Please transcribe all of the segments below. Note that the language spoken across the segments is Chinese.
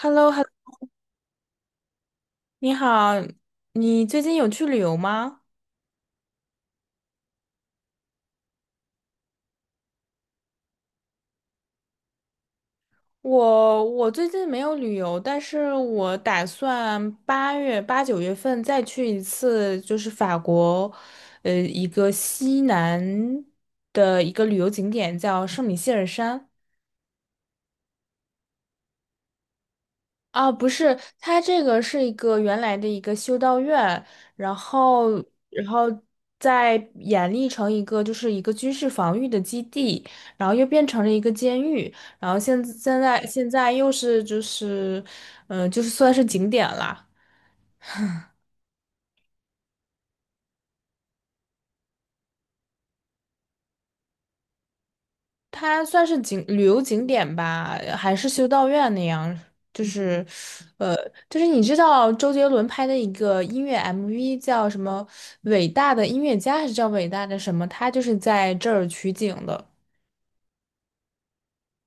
h e l l o h e l l o 你好，你最近有去旅游吗？我最近没有旅游，但是我打算八月八九月份再去一次，就是法国，一个西南的一个旅游景点叫圣米歇尔山。啊，不是，它这个是一个原来的一个修道院，然后，然后再演绎成一个就是一个军事防御的基地，然后又变成了一个监狱，然后现在又是就是，就是算是景点啦。它算是旅游景点吧，还是修道院那样，就是，呃，就是你知道周杰伦拍的一个音乐 MV 叫什么《伟大的音乐家》，还是叫《伟大的什么》？他就是在这儿取景的。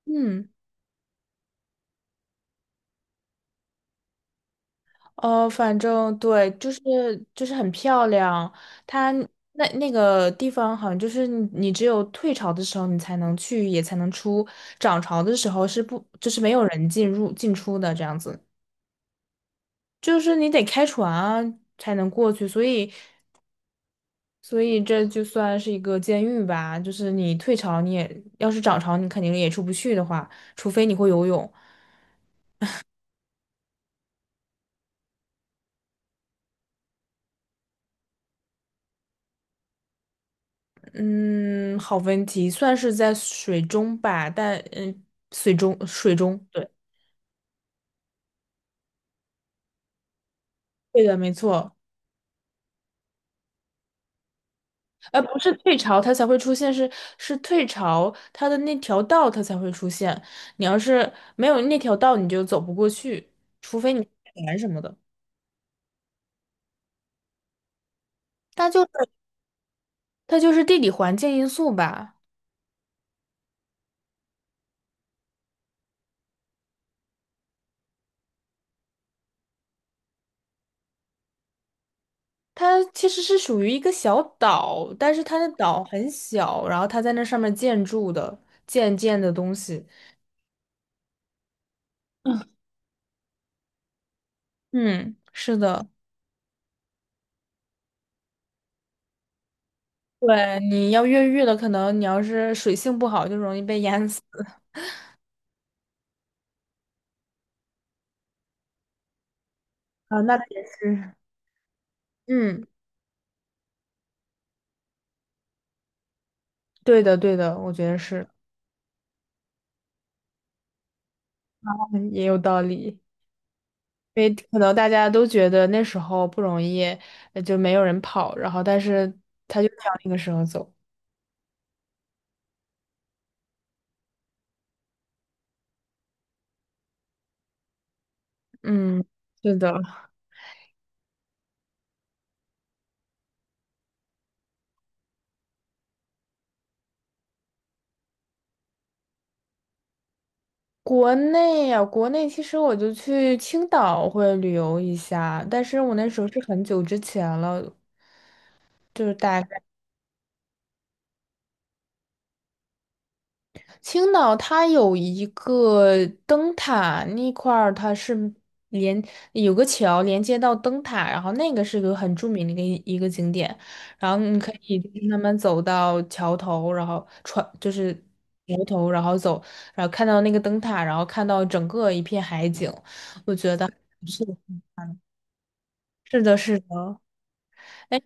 嗯，反正对，就是很漂亮。它那个地方好像就是你只有退潮的时候你才能去，也才能出；涨潮的时候是不，就是没有人进入进出的这样子。就是你得开船啊才能过去，所以这就算是一个监狱吧。就是你退潮，你也要是涨潮，你肯定也出不去的话，除非你会游泳。嗯，好问题，算是在水中吧，但水中，对，对的，没错。不是退潮它才会出现，是退潮它的那条道它才会出现。你要是没有那条道，你就走不过去，除非你开船什么的。就是。它就是地理环境因素吧。它其实是属于一个小岛，但是它的岛很小，然后它在那上面建筑的，建的东西。嗯，是的，对，你要越狱了，可能你要是水性不好，就容易被淹死。啊，那倒也是。嗯，对的，对的，我觉得是，嗯也有道理。因为可能大家都觉得那时候不容易，就没有人跑，然后但是他就想那个时候走。嗯，是的。国内其实我就去青岛会旅游一下，但是我那时候是很久之前了，就是大概青岛它有一个灯塔那块儿，它是连有个桥连接到灯塔，然后那个是个很著名的一个景点，然后你可以就是慢慢走到桥头，然后就是桥头，然后走，然后看到那个灯塔，然后看到整个一片海景，是是的，是的。哎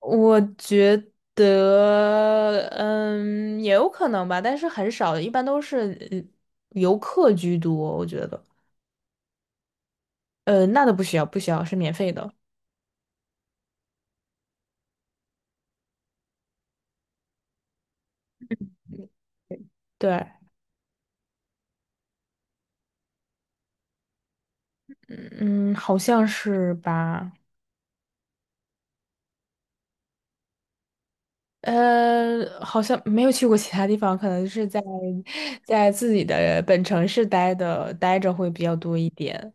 我觉得，嗯，也有可能吧，但是很少，一般都是呃游客居多，我觉得。那都不需要，不需要，是免费的。对，嗯，好像是吧。好像没有去过其他地方，可能是在自己的本城市待着会比较多一点。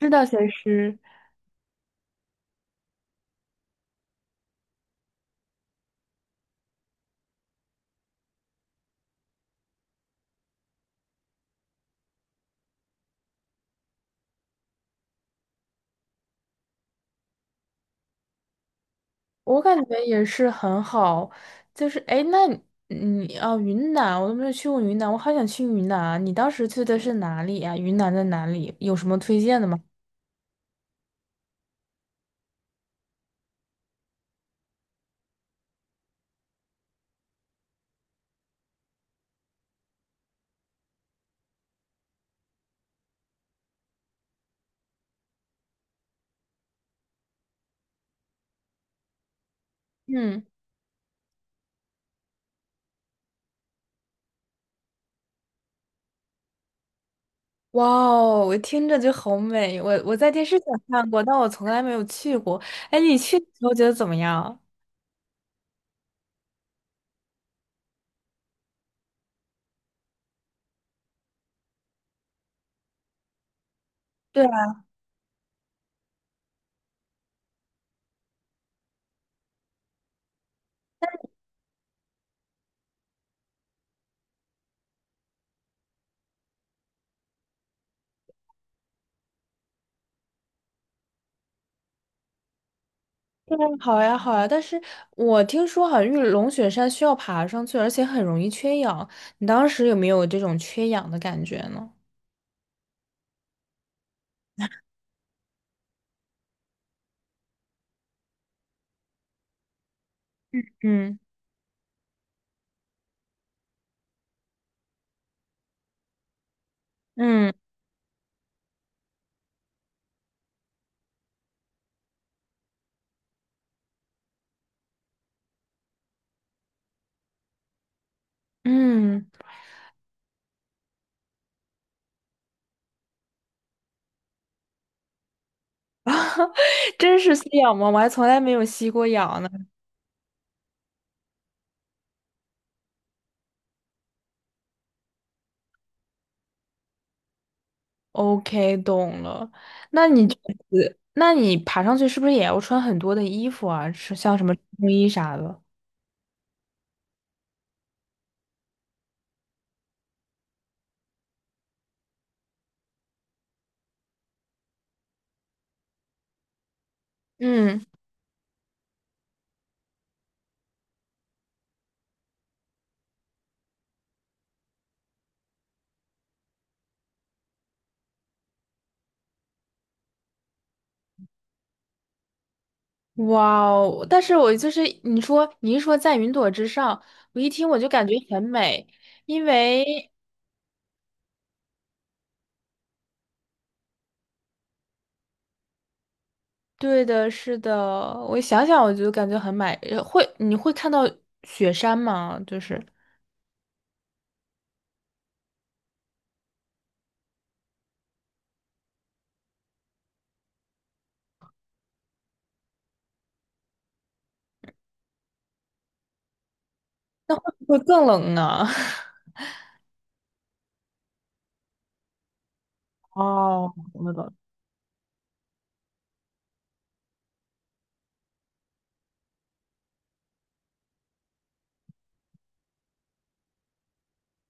知道，其实。我感觉也是很好，就是哎，诶那你啊，云南我都没有去过云南，我好想去云南啊。你当时去的是哪里呀？云南在哪里？有什么推荐的吗？嗯，哇哦，我听着就好美。我在电视上看过，但我从来没有去过。哎，你去的时候觉得怎么样？对啊，对啊，好呀，好呀。但是我听说好像玉龙雪山需要爬上去，而且很容易缺氧。你当时有没有这种缺氧的感觉呢？嗯。嗯嗯。真是吸氧吗？我还从来没有吸过氧呢。OK，懂了。那你这次爬上去是不是也要穿很多的衣服啊？是像什么冲锋衣啥的？嗯，哇哦！但是我就是你一说在云朵之上，我一听我就感觉很美，因为对的，是的，我想想我就感觉很美。你会看到雪山吗？就是会更冷呢。哦，懂了懂了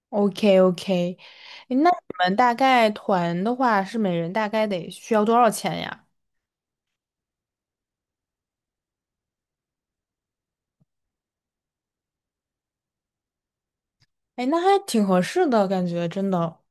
OK OK，那你们大概团的话是每人大概得需要多少钱呀？哎，那还挺合适的感觉，真的。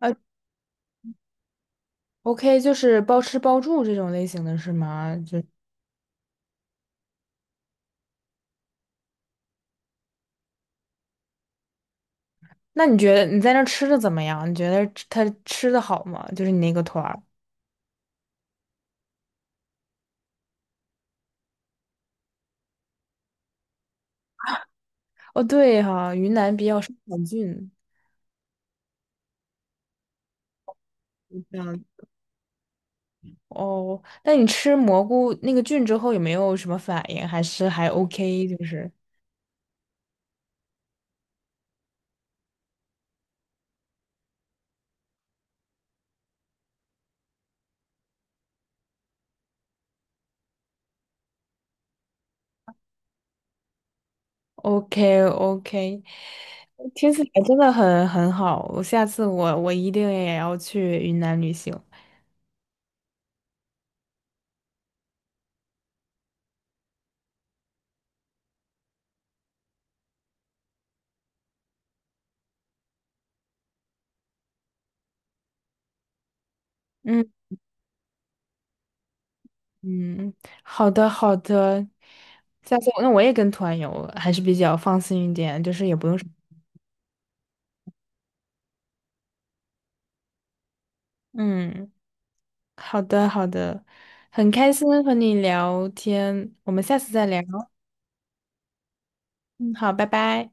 呃，OK，就是包吃包住这种类型的是吗？那你觉得你在那儿吃的怎么样？你觉得他吃的好吗？就是你那个团儿。哦，对哈，云南比较生产菌，这样。哦，那你吃蘑菇那个菌之后有没有什么反应？还是还 OK？就是。o k o k 听起来真的很好，我下次我一定也要去云南旅行。嗯嗯，好的好的，下次我那我也跟团游，还是比较放心一点，就是也不用什么。嗯，好的好的，很开心和你聊天，我们下次再聊。嗯，好，拜拜。